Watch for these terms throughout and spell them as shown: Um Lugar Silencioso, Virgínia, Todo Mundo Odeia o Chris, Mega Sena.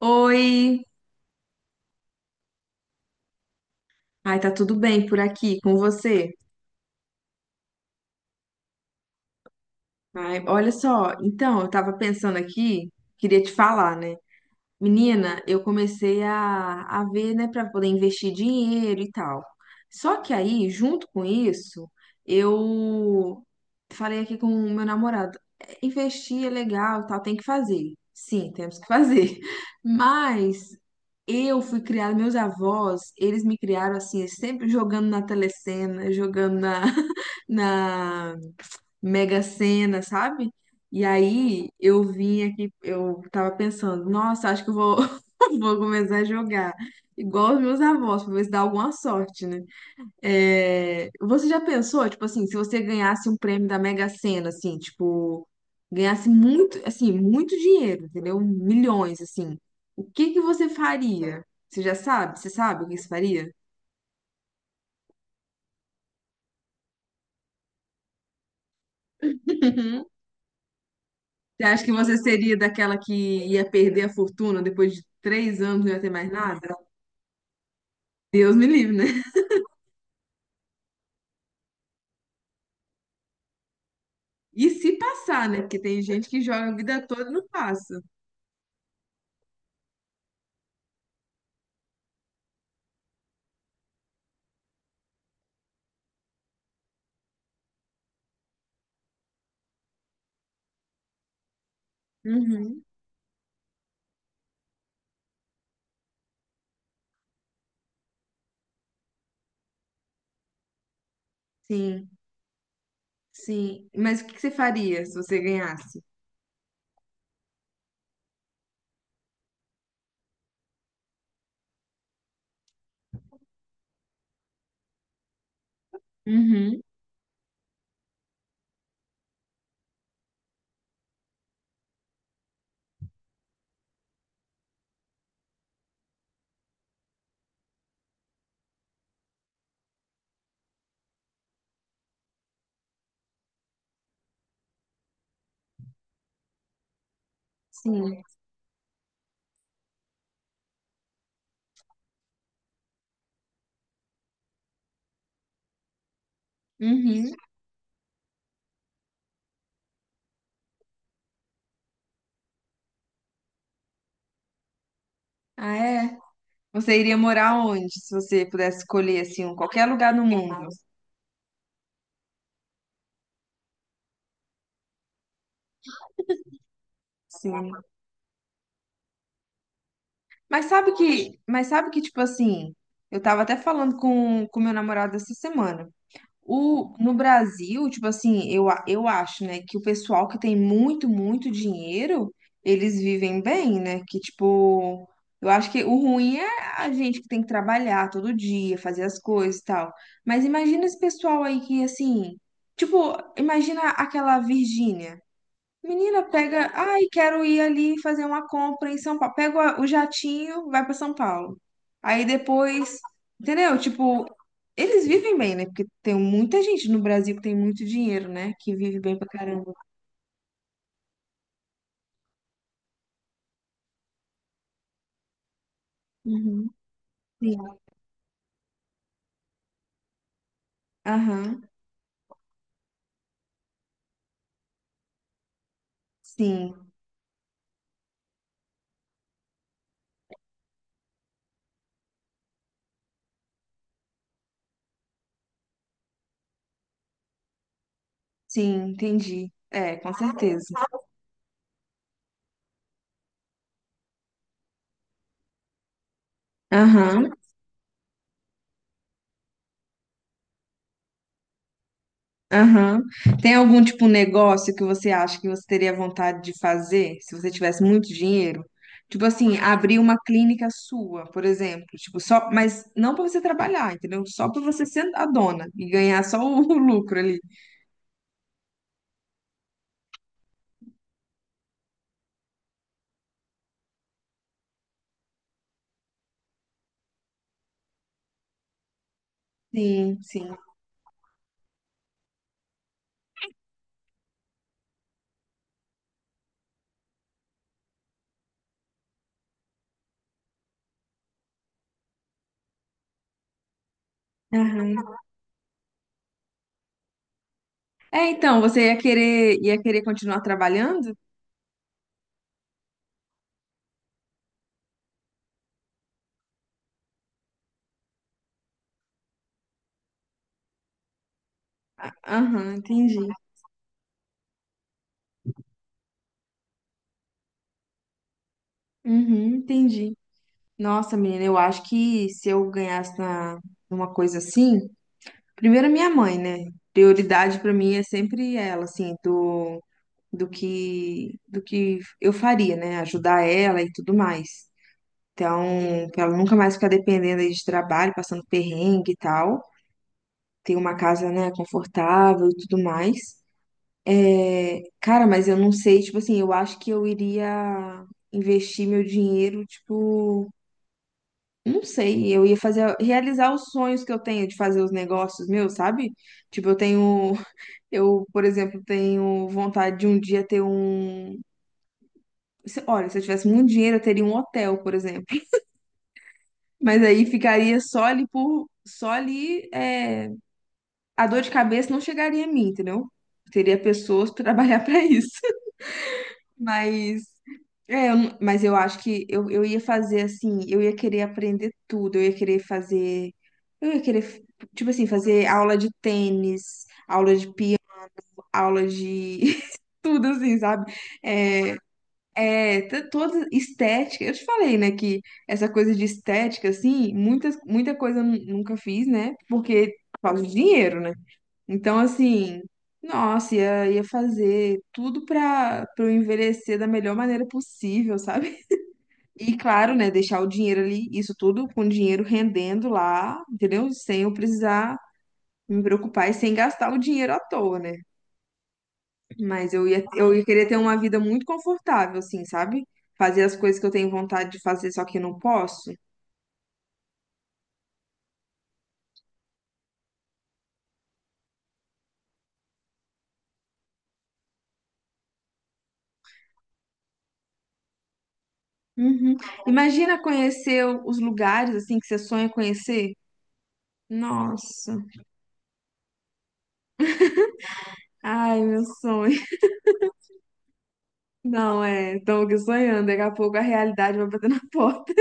Oi! Ai, tá tudo bem por aqui com você? Ai, olha só, então, eu tava pensando aqui, queria te falar, né? Menina, eu comecei a ver, né, para poder investir dinheiro e tal. Só que aí, junto com isso, eu falei aqui com o meu namorado: "É, investir é legal, e tal, tem que fazer. Sim, temos que fazer. Mas eu fui criada, meus avós, eles me criaram assim, sempre jogando na telecena, jogando na, na Mega Sena, sabe? E aí eu vim aqui, eu tava pensando, nossa, acho que vou começar a jogar. Igual os meus avós, pra ver se dá alguma sorte, né? É, você já pensou, tipo assim, se você ganhasse um prêmio da Mega Sena, assim, tipo, ganhasse muito, assim, muito dinheiro, entendeu? Milhões, assim. O que que você faria? Você já sabe? Você sabe o que você faria? Você acha que você seria daquela que ia perder a fortuna depois de 3 anos e não ia ter mais nada? Deus me livre, né? E se passar, né? Porque tem gente que joga a vida toda e não passa. Uhum. Sim, sim. Mas o que que você faria se você ganhasse? Uhum. Sim. Uhum. Ah, é? Você iria morar onde, se você pudesse escolher, assim, qualquer lugar no mundo? Sim. Mas sabe que, tipo assim, eu tava até falando com meu namorado essa semana. O, no Brasil, tipo assim, eu, eu acho, né, que o pessoal que tem muito, muito dinheiro, eles vivem bem, né? Que, tipo, eu acho que o ruim é a gente que tem que trabalhar todo dia, fazer as coisas e tal. Mas imagina esse pessoal aí que, assim, tipo, imagina aquela Virgínia. Menina, pega. Ai, quero ir ali fazer uma compra em São Paulo. Pega o o jatinho, vai para São Paulo. Aí depois, entendeu? Tipo, eles vivem bem, né? Porque tem muita gente no Brasil que tem muito dinheiro, né? Que vive bem pra caramba. Uhum. Sim. Aham. Sim, sim, entendi. É, com certeza. Aham. Aham. Tem algum tipo de negócio que você acha que você teria vontade de fazer se você tivesse muito dinheiro? Tipo assim, abrir uma clínica sua, por exemplo, tipo só, mas não para você trabalhar, entendeu? Só para você ser a dona e ganhar só o, lucro ali. Sim, sim. Aham. É, então, ia querer continuar trabalhando? Aham, entendi. Uhum, entendi. Nossa, menina, eu acho que se eu ganhasse na, numa coisa assim, primeiro a minha mãe, né? Prioridade pra mim é sempre ela, assim, do que eu faria, né? Ajudar ela e tudo mais. Então, pra ela nunca mais ficar dependendo aí de trabalho, passando perrengue e tal. Ter uma casa, né, confortável e tudo mais. É, cara, mas eu não sei, tipo assim, eu acho que eu iria investir meu dinheiro, tipo, não sei, eu ia fazer, realizar os sonhos que eu tenho de fazer os negócios meus, sabe? Tipo, eu tenho Eu, por exemplo, tenho vontade de um dia ter um. Olha, se eu tivesse muito dinheiro, eu teria um hotel, por exemplo. Mas aí ficaria só ali por. Só ali. A dor de cabeça não chegaria a mim, entendeu? Teria pessoas para trabalhar para isso. Mas. É, eu não- mas eu acho que eu ia fazer assim. Eu ia querer aprender tudo. Eu ia querer fazer. Eu ia querer, tipo assim, fazer aula de tênis, aula de piano, aula de. Tudo assim, sabe? É, toda estética. Eu te falei, né, que essa coisa de estética, assim, muita coisa eu nunca fiz, né? Porque por causa de dinheiro, né? Então, assim, nossa, ia fazer tudo pra eu envelhecer da melhor maneira possível, sabe? E claro, né, deixar o dinheiro ali, isso tudo com o dinheiro rendendo lá, entendeu? Sem eu precisar me preocupar e sem gastar o dinheiro à toa, né? Mas eu ia querer ter uma vida muito confortável, assim, sabe? Fazer as coisas que eu tenho vontade de fazer, só que eu não posso. Uhum. Imagina conhecer os lugares, assim, que você sonha conhecer. Nossa. Ai, meu sonho. Não, é. Estou aqui sonhando. Daqui a pouco a realidade vai bater na porta.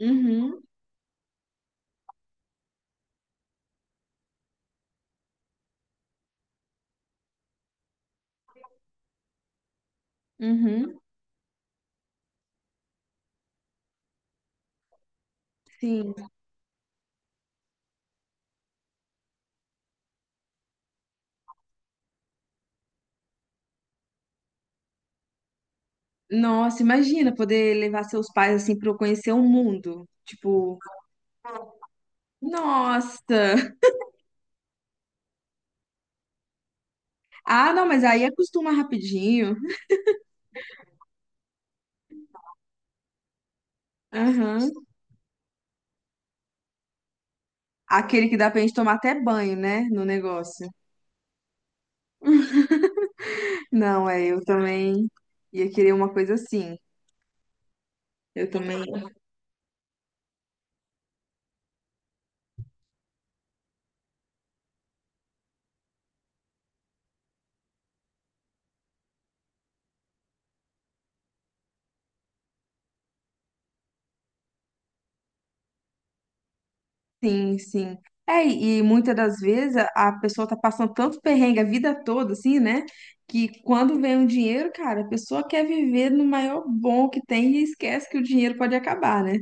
Uhum, uhum. Sim. Nossa, imagina poder levar seus pais, assim, para conhecer o mundo. Tipo, nossa. Ah, não, mas aí acostuma rapidinho. Aham. Aquele que dá pra gente tomar até banho, né? No negócio. Não, é, eu também ia querer uma coisa assim. Eu também. Sim, sim. É, e muitas das vezes a pessoa tá passando tanto perrengue a vida toda, assim, né? Que quando vem um dinheiro, cara, a pessoa quer viver no maior bom que tem e esquece que o dinheiro pode acabar, né?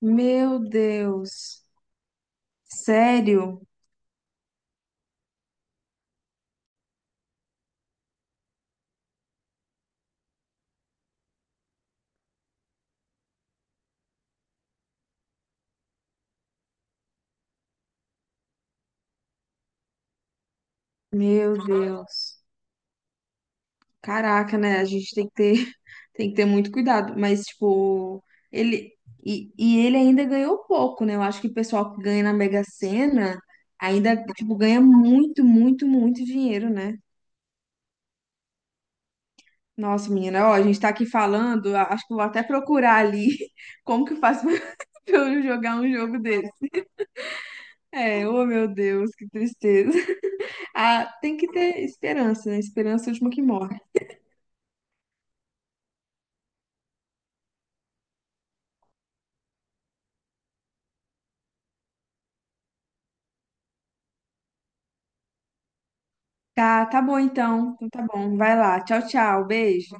Meu Deus. Sério? Meu Deus. Caraca, né? A gente tem que ter. Tem que ter muito cuidado, mas, tipo, ele. E ele ainda ganhou pouco, né? Eu acho que o pessoal que ganha na Mega Sena ainda, tipo, ganha muito, muito, muito dinheiro, né? Nossa, menina, ó, a gente tá aqui falando, acho que eu vou até procurar ali como que eu faço pra eu jogar um jogo desse. É, oh meu Deus, que tristeza. Ah, tem que ter esperança, né? Esperança é a última que morre. Tá, tá bom então. Então tá bom. Vai lá. Tchau, tchau. Beijo.